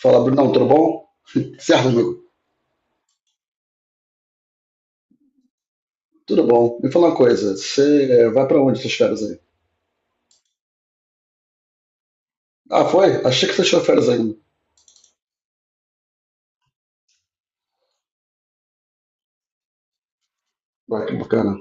Fala, Brunão, tudo bom? Certo, amigo. Tudo bom. Me fala uma coisa, você vai pra onde essas férias aí? Ah, foi? Achei que você tirou férias ainda. Vai, que bacana.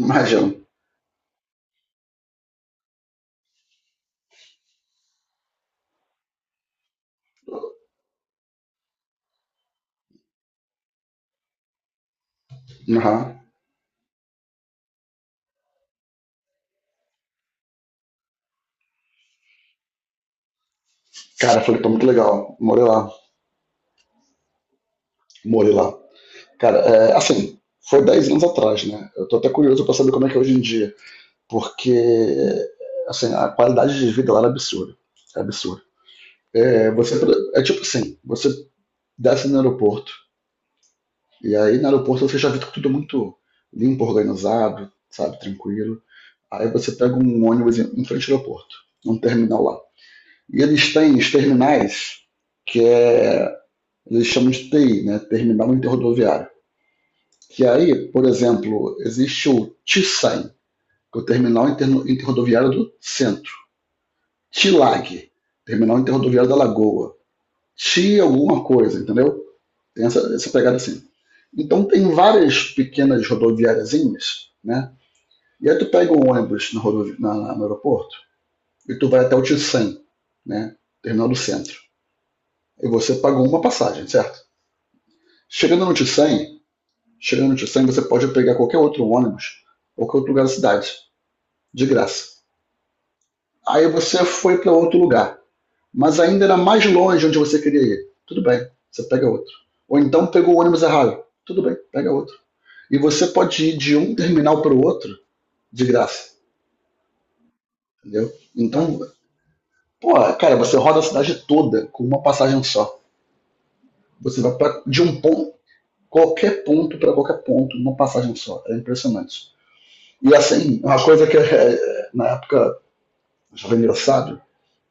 Imagino. Aham. Cara, foi muito legal. Morei lá. Morei lá. Cara, é, assim, foi 10 anos atrás, né? Eu tô até curioso pra saber como é que é hoje em dia. Porque, assim, a qualidade de vida lá era absurda. É absurda. É, você, é tipo assim, você desce no aeroporto. E aí no aeroporto você já vê tudo muito limpo, organizado, sabe, tranquilo. Aí você pega um ônibus em frente ao aeroporto, um terminal lá. E eles têm os terminais que é, eles chamam de TI, né, Terminal Interrodoviário. Que aí, por exemplo, existe o t TISAM, que é o Terminal Interrodoviário do Centro. T TILAG, Terminal Interrodoviário da Lagoa. T alguma coisa, entendeu? Tem essa pegada assim. Então tem várias pequenas rodoviáriazinhas, né? E aí tu pega um ônibus no aeroporto e tu vai até o Tissan, né? Terminal do centro. E você pagou uma passagem, certo? Chegando no Tissan, chegando no Tissan, você pode pegar qualquer outro ônibus, qualquer outro lugar da cidade, de graça. Aí você foi para outro lugar, mas ainda era mais longe onde você queria ir. Tudo bem, você pega outro. Ou então pegou o ônibus errado. Tudo bem, pega outro. E você pode ir de um terminal para o outro de graça, entendeu? Então, pô, cara, você roda a cidade toda com uma passagem só. Você vai pra, de um ponto, qualquer ponto para qualquer ponto, numa passagem só. É impressionante. E assim, uma coisa que é, na época já foi engraçado,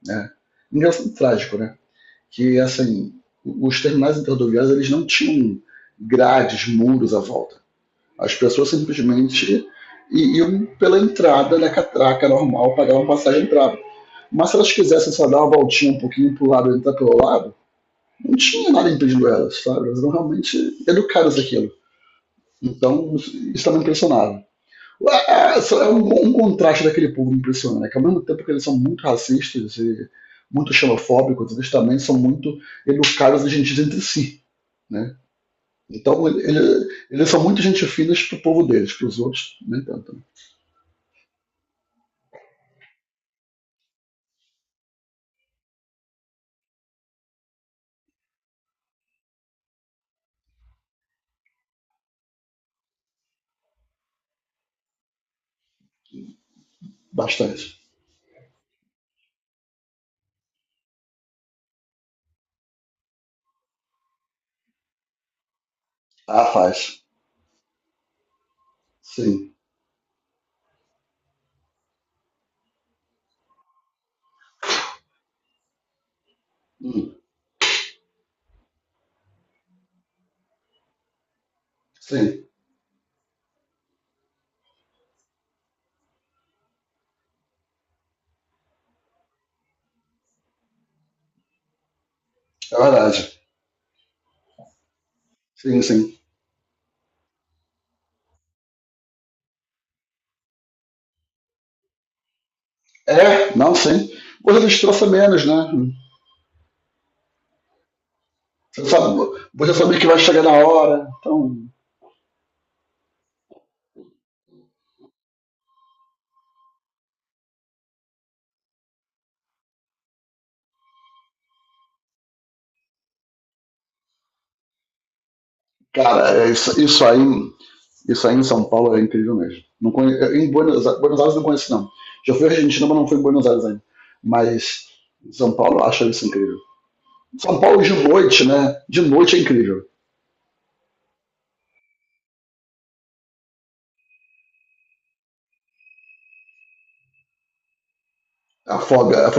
né? Engraçado e trágico, né? Que assim, os terminais interrodoviários eles não tinham grades, muros à volta. As pessoas simplesmente iam pela entrada da catraca normal, pagavam passagem e entravam. Mas se elas quisessem só dar uma voltinha um pouquinho pro lado e entrar pelo lado, não tinha nada impedindo elas, sabe? Elas eram realmente educadas aquilo. Então, isso estava impressionava. É um contraste daquele povo impressionante, né? Que ao mesmo tempo que eles são muito racistas e muito xenofóbicos, eles também são muito educados e gentis entre si. Né? Então, eles são muito gente finas pro povo deles, pros outros, nem tanto. Bastante. Ah, faz. Sim. Hum. Sim. É verdade. Sim, sim. É, não, sim. Você destroça menos, né? Hum. Você sabe, você sabe que vai chegar na hora. Então, cara, é isso, isso aí. Isso aí em São Paulo é incrível mesmo. Não conhe... Em Buenos Aires, Buenos Aires eu não conheço, não. Já fui à Argentina, mas não fui em Buenos Aires ainda. Mas em São Paulo eu acho isso incrível. São Paulo de noite, né? De noite é incrível. A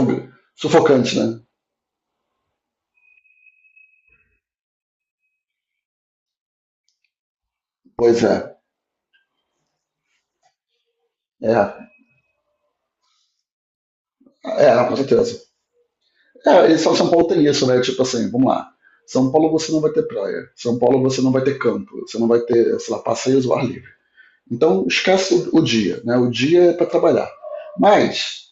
sufocante, né? Pois é. É, é, com certeza. É, e São Paulo tem isso, né? Tipo assim, vamos lá. São Paulo você não vai ter praia. São Paulo você não vai ter campo. Você não vai ter, sei lá, passeios ao ar livre. Então esquece o dia, né? O dia é para trabalhar. Mas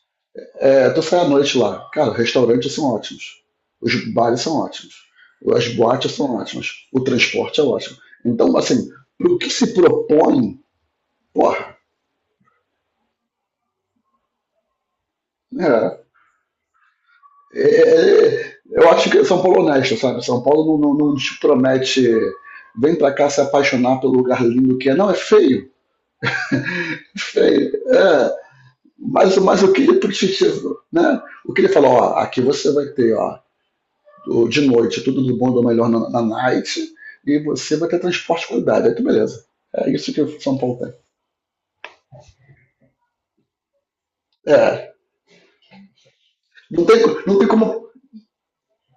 é, tu sai à noite lá, cara, restaurantes são ótimos. Os bares são ótimos. As boates são ótimas. O transporte é ótimo. Então, assim, pro que se propõe, porra, né? Eu acho que São Paulo é honesto, sabe? São Paulo não te promete vem pra cá se apaixonar pelo lugar lindo que é. Não, é feio. É feio. É. Mas o que ele precisa, né? O que ele falou, ó, aqui você vai ter, ó, de noite, tudo do bom do melhor na night, e você vai ter transporte de qualidade. Aí tu beleza. É isso que São Paulo tem. É. Não tem, não tem como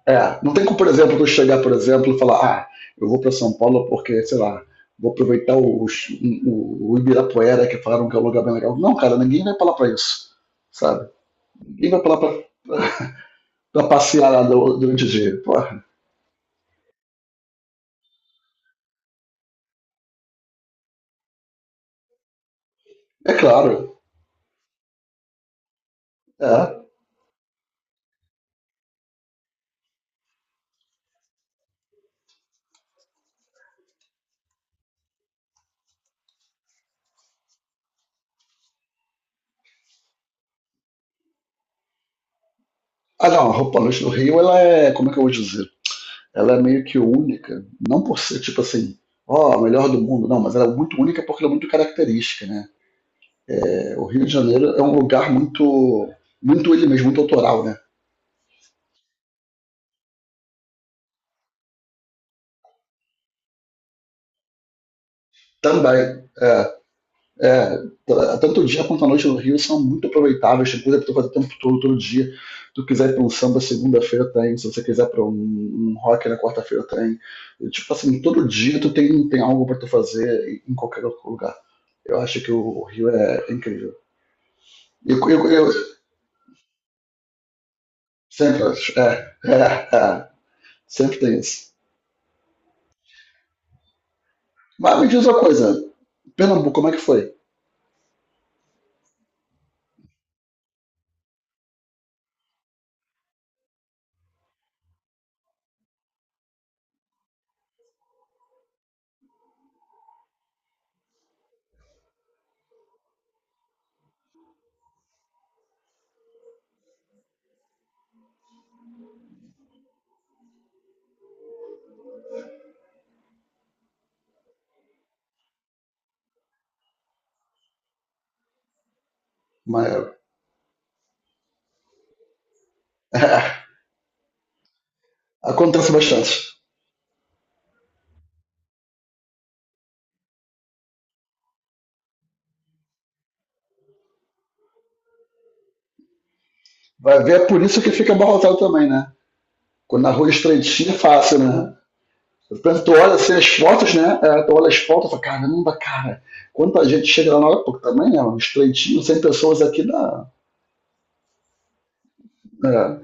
É, não tem como, por exemplo, eu chegar, por exemplo, e falar, ah, eu vou para São Paulo porque, sei lá, vou aproveitar o Ibirapuera, que falaram que é um lugar bem legal. Não, cara, ninguém vai pra lá pra isso, sabe? Ninguém vai pra lá pra, pra passear lá durante o dia. Porra, é claro, é. Ah, não, a Roupa Noite do Rio, ela é, como é que eu vou dizer? Ela é meio que única, não por ser, tipo assim, ó, a melhor do mundo, não, mas ela é muito única porque ela é muito característica, né? É, o Rio de Janeiro é um lugar muito, muito ele mesmo, muito autoral, né? Também. Tanto o dia quanto a noite no Rio são muito aproveitáveis, tem coisa pra tu fazer o tempo todo, todo dia. Se tu quiser ir pra um samba segunda-feira tem, se você quiser pra um rock na quarta-feira tem. E, tipo assim, todo dia tu tem algo pra tu fazer em qualquer outro lugar. Eu acho que o Rio é incrível. Eu sempre acho, sempre tem isso. Mas me diz uma coisa, Pernambuco, como é que foi? Mas, acontece bastante. Vai ver, é por isso que fica abarrotado também, né? Quando na rua estreitinha é fácil, né? Portanto, tu olha assim, as fotos, né? É, tu olha as fotos e fala, caramba, cara, quanta gente chega lá na hora, pô, também é um estreitinho, 100 pessoas aqui na. É.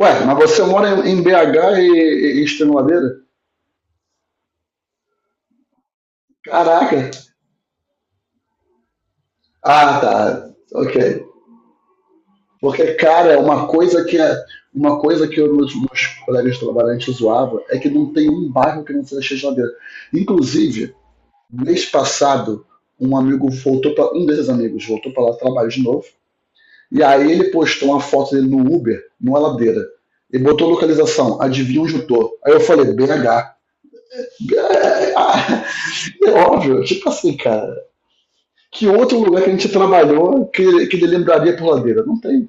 Ué, mas você mora em BH e Extremadeira? Caraca! Ah, tá. Ok. Porque, cara, uma coisa que é. Uma coisa que meus colegas de trabalho a gente zoava é que não tem um bairro que não seja cheio de. Inclusive, mês passado, um amigo voltou para um desses amigos voltou para lá trabalho de novo. E aí ele postou uma foto dele no Uber, numa ladeira. E botou localização, adivinha onde eu tô. Aí eu falei, BH. É, é é, óbvio, tipo assim, cara. Que outro lugar que a gente trabalhou que ele lembraria por ladeira? Não tem.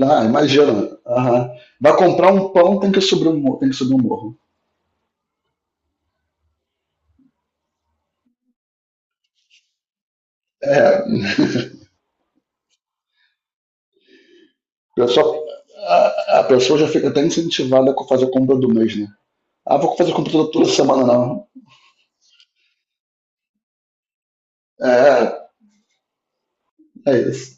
Ah, imagina. Aham. Vai comprar um pão, tem que subir um morro. É. A pessoa, a pessoa já fica até incentivada a fazer a compra do mês, né? Ah, vou fazer computador toda semana, não. É, é isso.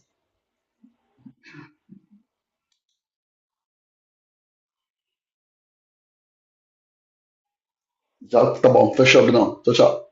Já tá bom, fechou, Bruno. Tchau, tchau.